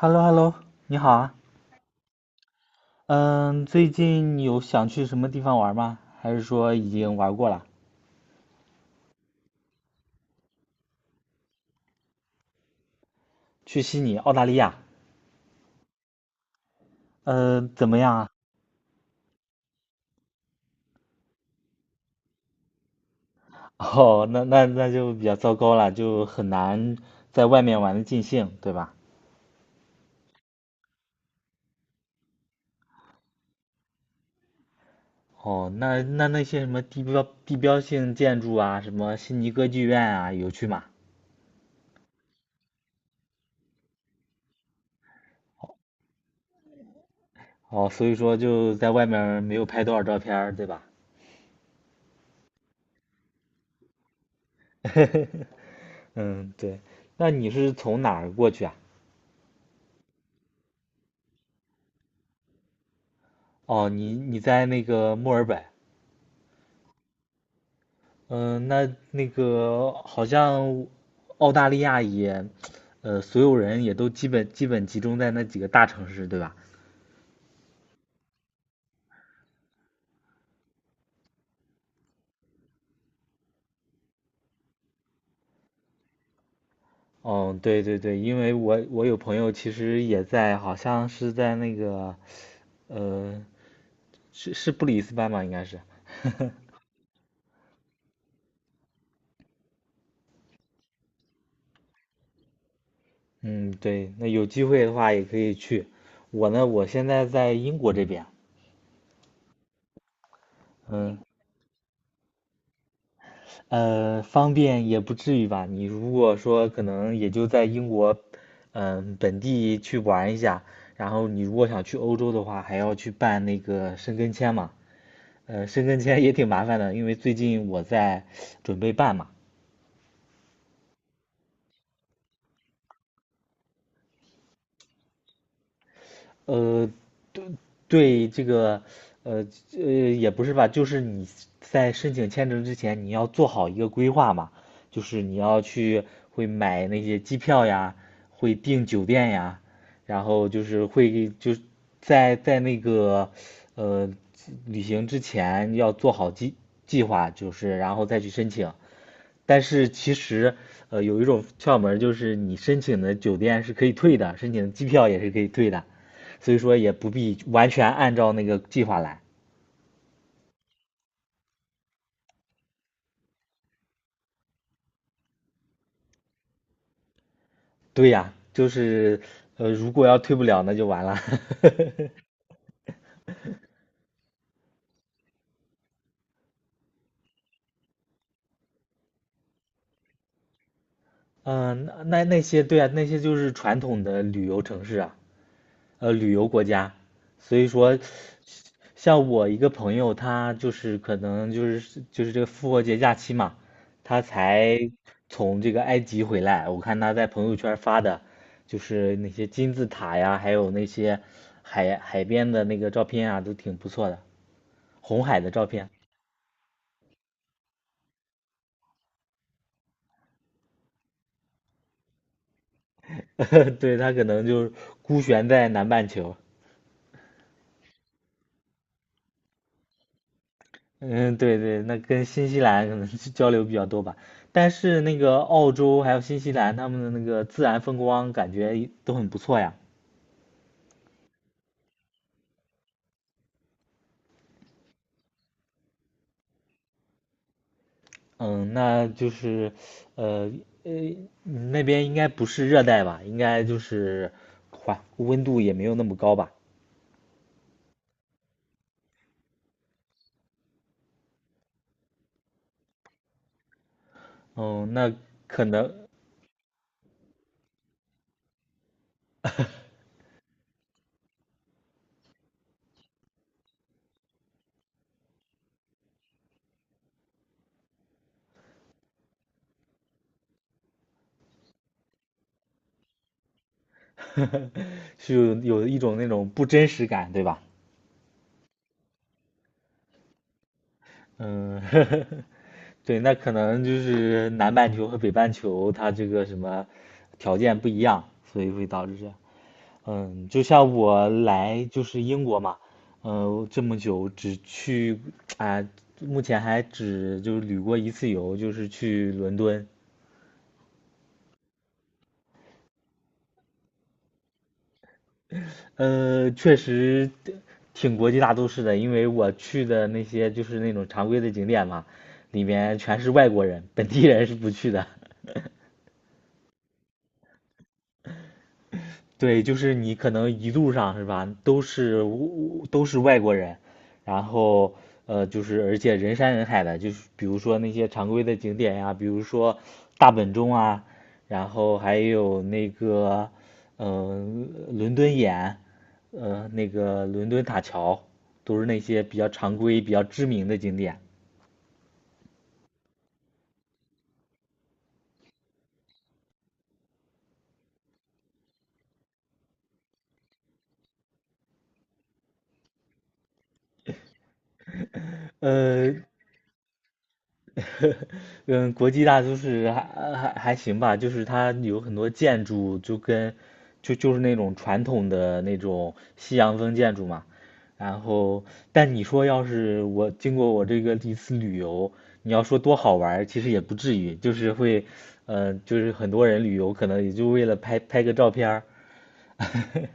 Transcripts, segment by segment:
Hello hello 你好啊。嗯，最近有想去什么地方玩吗？还是说已经玩过了？去悉尼，澳大利亚。怎么样啊？哦，那就比较糟糕了，就很难在外面玩的尽兴，对吧？哦，那那些什么地标性建筑啊，什么悉尼歌剧院啊，有去吗？哦，所以说就在外面儿没有拍多少照片儿对吧？嗯，对。那你是从哪儿过去啊？哦，你在那个墨尔本。嗯，那个好像澳大利亚也，所有人也都基本集中在那几个大城市，对吧？嗯，对对对，因为我有朋友其实也在，好像是在那个，呃，是布里斯班吧，应该是。嗯，对，那有机会的话也可以去。我呢，我现在在英国这边，嗯，方便也不至于吧？你如果说可能也就在英国，本地去玩一下，然后你如果想去欧洲的话，还要去办那个申根签嘛。申根签也挺麻烦的，因为最近我在准备办嘛。呃，对这个，呃也不是吧，就是你在申请签证之前，你要做好一个规划嘛，就是你要去会买那些机票呀，会订酒店呀，然后就是会就是在那个呃旅行之前要做好计划，就是然后再去申请，但是其实，有一种窍门儿就是你申请的酒店是可以退的，申请的机票也是可以退的，所以说也不必完全按照那个计划来。对呀，就是，如果要退不了，那就完了。嗯，那那些对啊，那些就是传统的旅游城市啊，旅游国家，所以说，像我一个朋友，他就是可能就是这个复活节假期嘛，他才从这个埃及回来。我看他在朋友圈发的，就是那些金字塔呀，还有那些海边的那个照片啊，都挺不错的，红海的照片。对，他可能就是孤悬在南半球。嗯，对对，那跟新西兰可能是交流比较多吧。但是那个澳洲还有新西兰，他们的那个自然风光感觉都很不错呀。嗯，那就是，呃呃，那边应该不是热带吧？应该就是环温度也没有那么高吧？嗯，那可能 是有一种那种不真实感，对吧？嗯，对，那可能就是南半球和北半球它这个什么条件不一样，所以会导致这样。就像我来就是英国嘛，这么久只去啊、目前还只就是旅过一次游，就是去伦敦。确实挺国际大都市的，因为我去的那些就是那种常规的景点嘛，里面全是外国人，本地人是不去的。对，就是你可能一路上是吧，都是外国人，然后就是而且人山人海的，就是比如说那些常规的景点呀，比如说大本钟啊，然后还有那个伦敦眼，那个伦敦塔桥，都是那些比较常规、比较知名的景点。呃，嗯，国际大都市还行吧，就是它有很多建筑就跟就是那种传统的那种西洋风建筑嘛。然后，但你说要是我经过我这个一次旅游，你要说多好玩儿其实也不至于，就是会，嗯，就是很多人旅游可能也就为了拍个照片儿。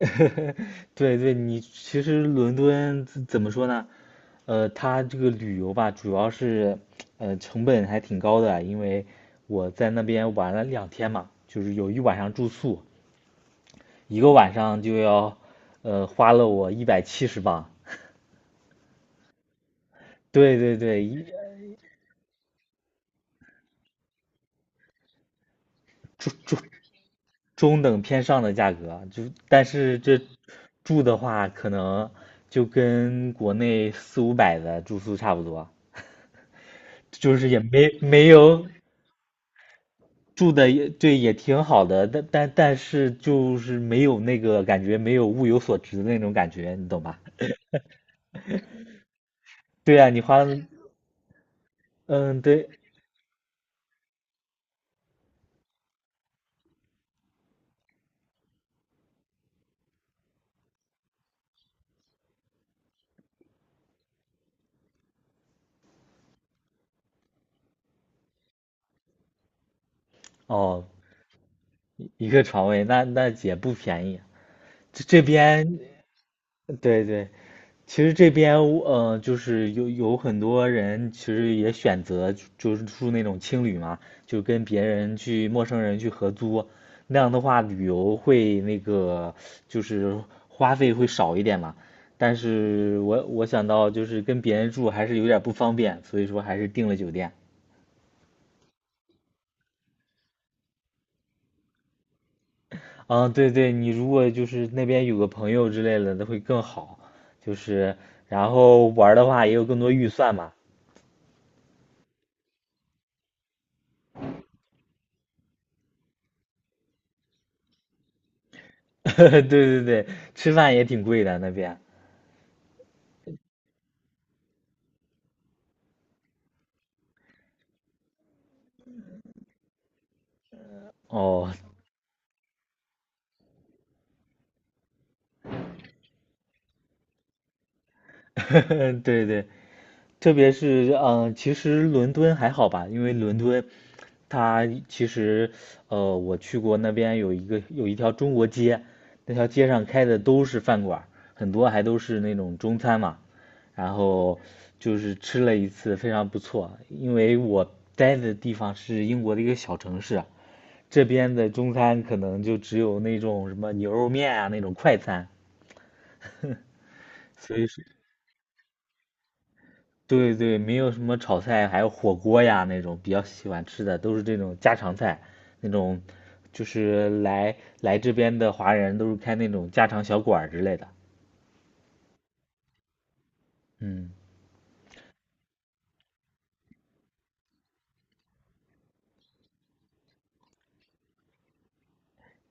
对对，你其实伦敦怎么说呢？它这个旅游吧，主要是成本还挺高的啊，因为我在那边玩了2天嘛，就是有一晚上住宿，一个晚上就要花了我170镑。对对对，中等偏上的价格啊，就但是这住的话，可能就跟国内四五百的住宿差不多啊，就是也没有住的也对也挺好的，但是就是没有那个感觉，没有物有所值的那种感觉，你懂吧？对啊，你花嗯，对，哦，一个床位，那也不便宜。这边，对对，其实这边就是有很多人其实也选择就是住那种青旅嘛，就跟别人去陌生人去合租，那样的话旅游会那个就是花费会少一点嘛。但是我想到就是跟别人住还是有点不方便，所以说还是订了酒店。嗯，对对，你如果就是那边有个朋友之类的，那会更好。就是然后玩儿的话也有更多预算嘛，对对对，吃饭也挺贵的那边。哦，对对，特别是其实伦敦还好吧，因为伦敦它其实我去过那边有一条中国街，那条街上开的都是饭馆儿很多还都是那种中餐嘛。然后就是吃了一次，非常不错。因为我待的地方是英国的一个小城市，这边的中餐可能就只有那种什么牛肉面啊那种快餐，所以说，对对，没有什么炒菜，还有火锅呀那种比较喜欢吃的，都是这种家常菜，那种就是来这边的华人都是开那种家常小馆儿之类的。嗯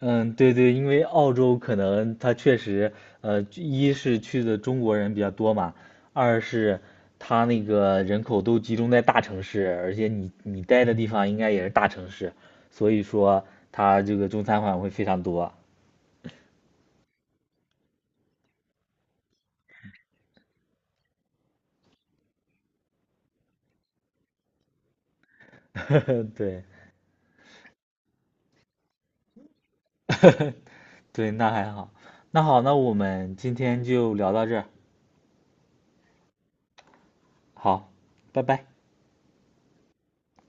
嗯，对对，因为澳洲可能它确实，一是去的中国人比较多嘛，二是它那个人口都集中在大城市，而且你待的地方应该也是大城市，所以说它这个中餐馆会非常多。对。对，那还好。那好，那我们今天就聊到这儿。好，拜拜。